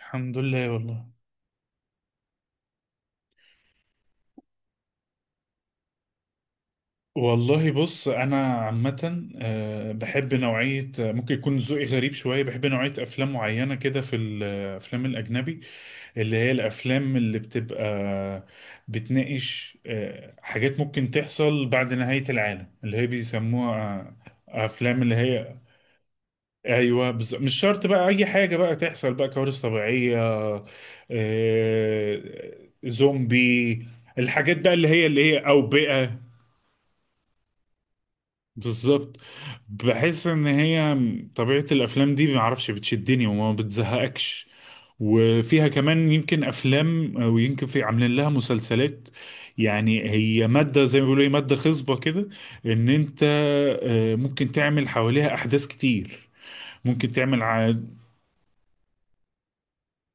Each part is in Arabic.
الحمد لله والله. والله بص انا عامه بحب نوعيه ممكن يكون ذوقي غريب شويه، بحب نوعيه افلام معينه كده في الافلام الاجنبي، اللي هي الافلام اللي بتبقى بتناقش حاجات ممكن تحصل بعد نهايه العالم اللي هي بيسموها افلام اللي هي. ايوه، مش شرط بقى اي حاجه بقى تحصل، بقى كوارث طبيعيه زومبي، الحاجات بقى اللي هي اوبئه. بالظبط، بحس ان هي طبيعة الافلام دي ما اعرفش بتشدني وما بتزهقكش، وفيها كمان يمكن افلام ويمكن في عاملين لها مسلسلات، يعني هي مادة زي ما بيقولوا ايه، مادة خصبة كده، ان انت ممكن تعمل حواليها احداث كتير. ممكن تعمل،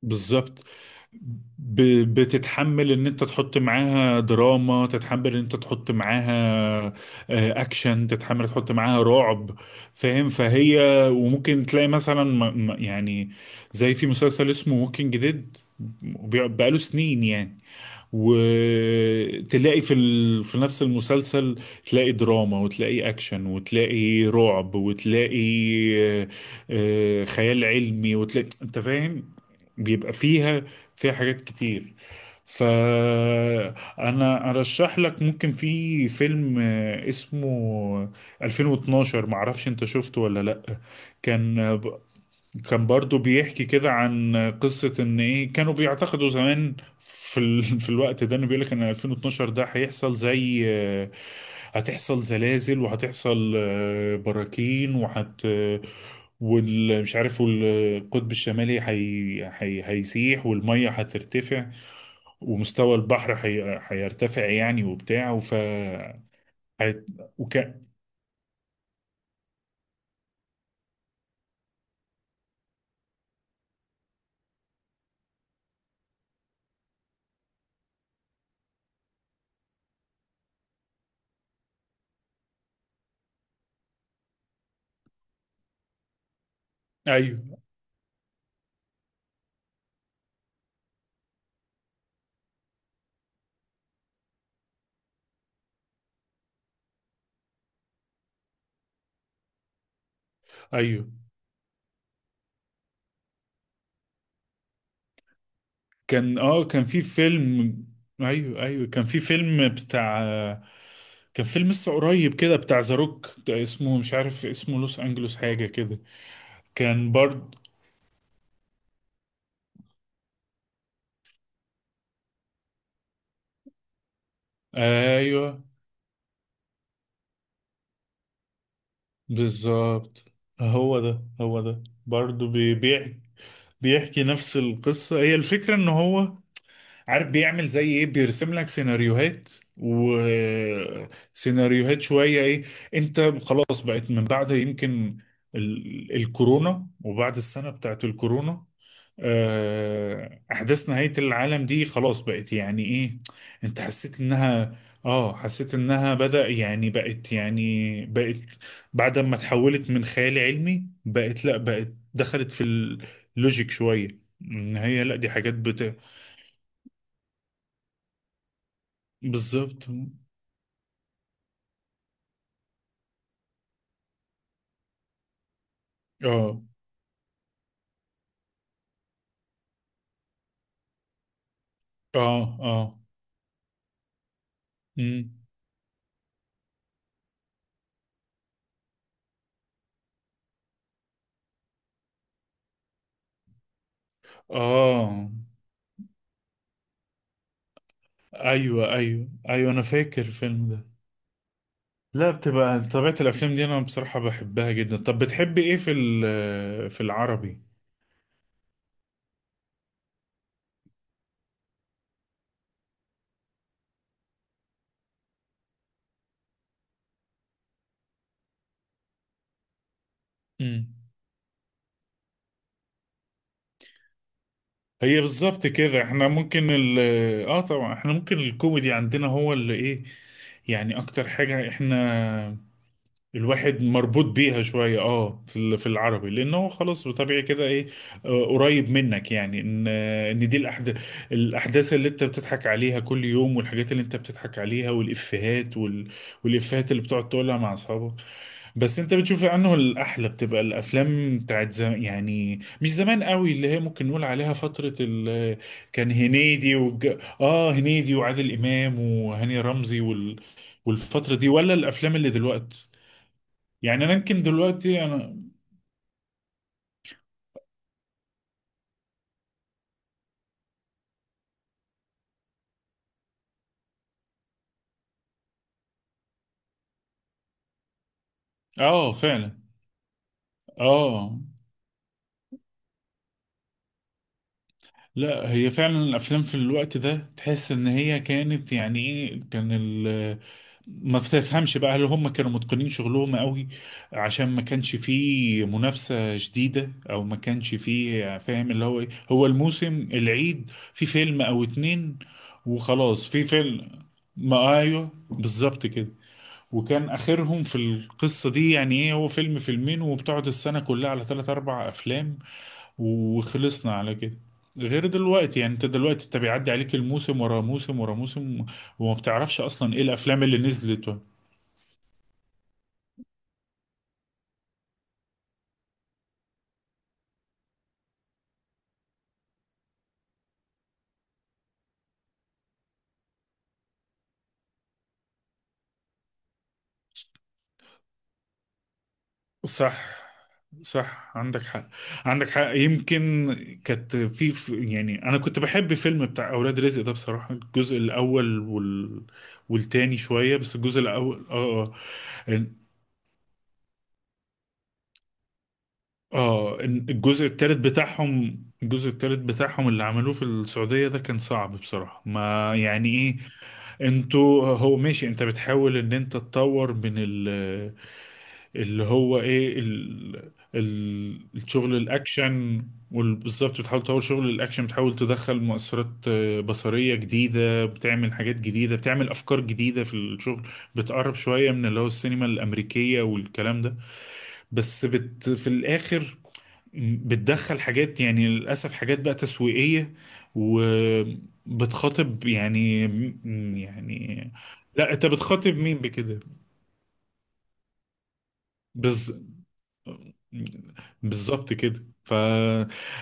بالظبط. ب... بتتحمل ان انت تحط معاها دراما، تتحمل ان انت تحط معاها اكشن، تتحمل تحط معاها رعب، فاهم؟ فهي وممكن تلاقي مثلا يعني زي في مسلسل اسمه ووكينج ديد، بقاله سنين يعني. وتلاقي في نفس المسلسل تلاقي دراما وتلاقي اكشن وتلاقي رعب وتلاقي آه، خيال علمي، وتلاقي انت فاهم، بيبقى فيها، فيها حاجات كتير. فانا ارشح لك ممكن في فيلم اسمه 2012، معرفش انت شفته ولا لا. كان كان برضو بيحكي كده عن قصة ان ايه، كانوا بيعتقدوا زمان في الوقت ده انه بيقول لك ان 2012 ده هيحصل، زي هتحصل زلازل، وهتحصل براكين، والمش عارف، والقطب الشمالي هيسيح، والمية هترتفع، ومستوى البحر هيرتفع يعني وبتاع. هيت- وك... ايوه ايوه، كان اه كان في فيلم. ايوه ايوه كان في فيلم بتاع، كان فيلم لسه قريب كده بتاع ذا روك، اسمه مش عارف اسمه لوس انجلوس حاجه كده. كان برضه ايوه، بالظبط، هو ده، هو ده برضه بيبيع، بيحكي نفس القصه، هي الفكره ان هو عارف بيعمل زي ايه، بيرسم لك سيناريوهات وسيناريوهات شوية، ايه انت خلاص بقت من بعد يمكن الكورونا، وبعد السنة بتاعت الكورونا احداث نهاية العالم دي خلاص بقت يعني ايه. انت حسيت انها اه حسيت انها بدأ يعني بقت يعني بقت، بعد ما تحولت من خيال علمي بقت لا، بقت دخلت في اللوجيك شوية، ان هي لا، دي حاجات بالظبط. اه اه اه. مم. اه، ايوه ايوه ايوه انا فاكر الفيلم ده. لا بتبقى طبيعة الافلام دي انا بصراحة بحبها جدا. طب بتحبي ايه في في العربي؟ مم. هي بالظبط كده، احنا ممكن ال، اه طبعا احنا ممكن الكوميدي عندنا هو اللي ايه، يعني اكتر حاجة احنا الواحد مربوط بيها شوية اه في في العربي، لأن هو خلاص بطبيعي كده، ايه قريب منك، يعني ان ان دي الأحداث، الأحداث اللي انت بتضحك عليها كل يوم، والحاجات اللي انت بتضحك عليها والإفيهات والإفيهات اللي بتقعد تقولها مع أصحابك. بس انت بتشوف انه الأحلى بتبقى الأفلام بتاعت زمان، يعني مش زمان قوي، اللي هي ممكن نقول عليها فترة كان هنيدي اه، هنيدي وعادل إمام وهاني رمزي والفترة دي، ولا الأفلام اللي دلوقتي؟ يعني انا يمكن دلوقتي انا اه فعلا اه. لا هي فعلا الافلام في الوقت ده تحس ان هي كانت يعني ايه، كان ال ما تفهمش بقى، هل هم كانوا متقنين شغلهم قوي عشان ما كانش فيه منافسة شديدة، او ما كانش فيه فاهم اللي هو ايه، هو الموسم العيد في فيلم او اتنين وخلاص، في فيلم، ما ايوه بالظبط كده. وكان اخرهم في القصه دي يعني ايه، هو فيلم فيلمين، وبتقعد السنه كلها على ثلاث اربع افلام، وخلصنا على كده. غير دلوقتي يعني انت دلوقتي، انت بيعدي عليك الموسم ورا موسم ورا موسم، وما بتعرفش اصلا ايه الافلام اللي نزلت. صح صح عندك حق، عندك حق يمكن. كانت يعني انا كنت بحب فيلم بتاع اولاد رزق ده بصراحه، الجزء الاول والتاني شويه، بس الجزء الاول اه. آه. اه، الجزء التالت بتاعهم، الجزء التالت بتاعهم اللي عملوه في السعودية ده كان صعب بصراحة، ما يعني ايه. انتوا هو ماشي، انت بتحاول ان انت تطور من ال، اللي هو ايه ال الشغل الاكشن، وبالظبط بتحاول تطور شغل الاكشن، بتحاول تدخل مؤثرات بصرية جديدة، بتعمل حاجات جديدة، بتعمل افكار جديدة في الشغل، بتقرب شوية من اللي هو السينما الامريكية والكلام ده. بس بت في الاخر بتدخل حاجات، يعني للأسف حاجات بقى تسويقية، وبتخاطب يعني، يعني، لا انت بتخاطب مين بكده؟ بز... بالظبط كده،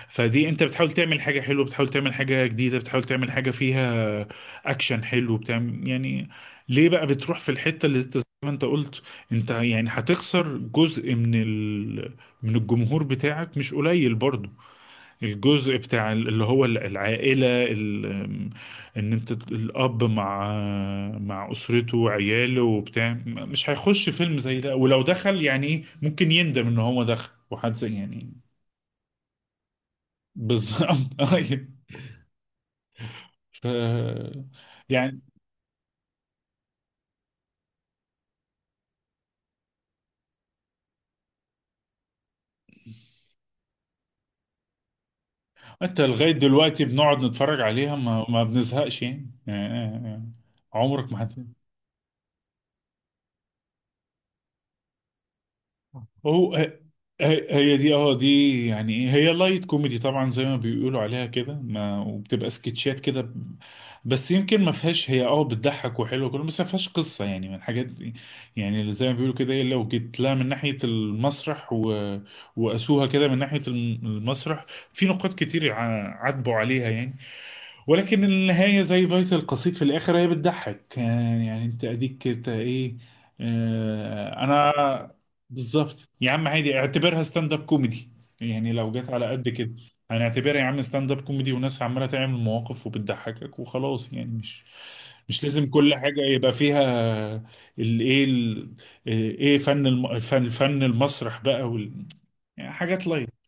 فدي انت بتحاول تعمل حاجة حلوة، بتحاول تعمل حاجة جديدة، بتحاول تعمل حاجة فيها اكشن حلو، بتعمل يعني ليه بقى بتروح في الحتة اللي انت زي ما انت قلت، انت يعني هتخسر جزء من من الجمهور بتاعك مش قليل برضه، الجزء بتاع اللي هو العائلة ان انت الاب مع، مع اسرته وعياله وبتاع مش هيخش فيلم زي ده، ولو دخل يعني ايه ممكن يندم ان هو دخل، وحد زي يعني بالظبط أيوة. ف يعني حتى لغاية دلوقتي بنقعد نتفرج عليها ما بنزهقش يعني آه. عمرك ما حد. هو هي، هي دي اه، دي يعني ايه، هي لايت كوميدي طبعا زي ما بيقولوا عليها كده، ما وبتبقى سكتشات كده بس يمكن ما فيهاش، هي اه بتضحك وحلوه كله، بس ما فيهاش قصه يعني من الحاجات دي، يعني اللي زي ما بيقولوا كده ايه، لو جيت لها من ناحيه المسرح و، وقاسوها كده من ناحيه المسرح، في نقاط كتير عاتبوا عليها يعني. ولكن النهاية زي بيت القصيد في الآخر هي بتضحك يعني، يعني أنت أديك كده إيه، آه أنا. بالظبط يا عم، عادي اعتبرها ستاند أب كوميدي، يعني لو جت على قد كده هنعتبرها يا عم ستاند أب كوميدي، وناس عمالة تعمل مواقف وبتضحكك وخلاص، يعني مش، مش لازم كل حاجة يبقى فيها الإيه إيه فن الفن المسرح بقى يعني حاجات لايت.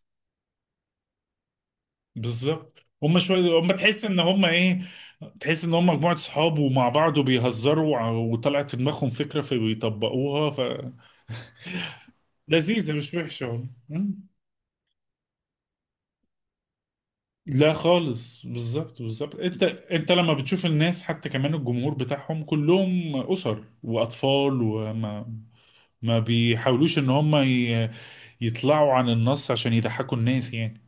بالظبط، هم شويه، هم تحس ان هم ايه، تحس ان هم مجموعه صحاب ومع بعض وبيهزروا وطلعت في دماغهم فكره فبيطبقوها. فلذيذه مش وحشه والله. مم. لا خالص، بالظبط بالظبط، انت لما بتشوف الناس، حتى كمان الجمهور بتاعهم كلهم اسر واطفال، وما ما بيحاولوش ان هم يطلعوا عن النص عشان يضحكوا الناس يعني.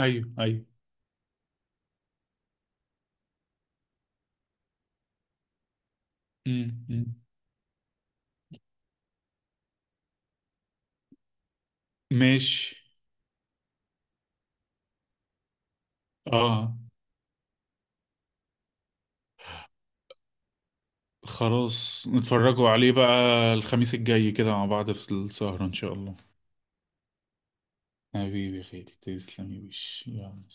ايوه ايوه. مم. مم. ماشي، اه خلاص نتفرجوا عليه بقى الخميس الجاي كده مع بعض في السهرة إن شاء الله. حبيبي يا خالي، تسلم يا باشا، يلا.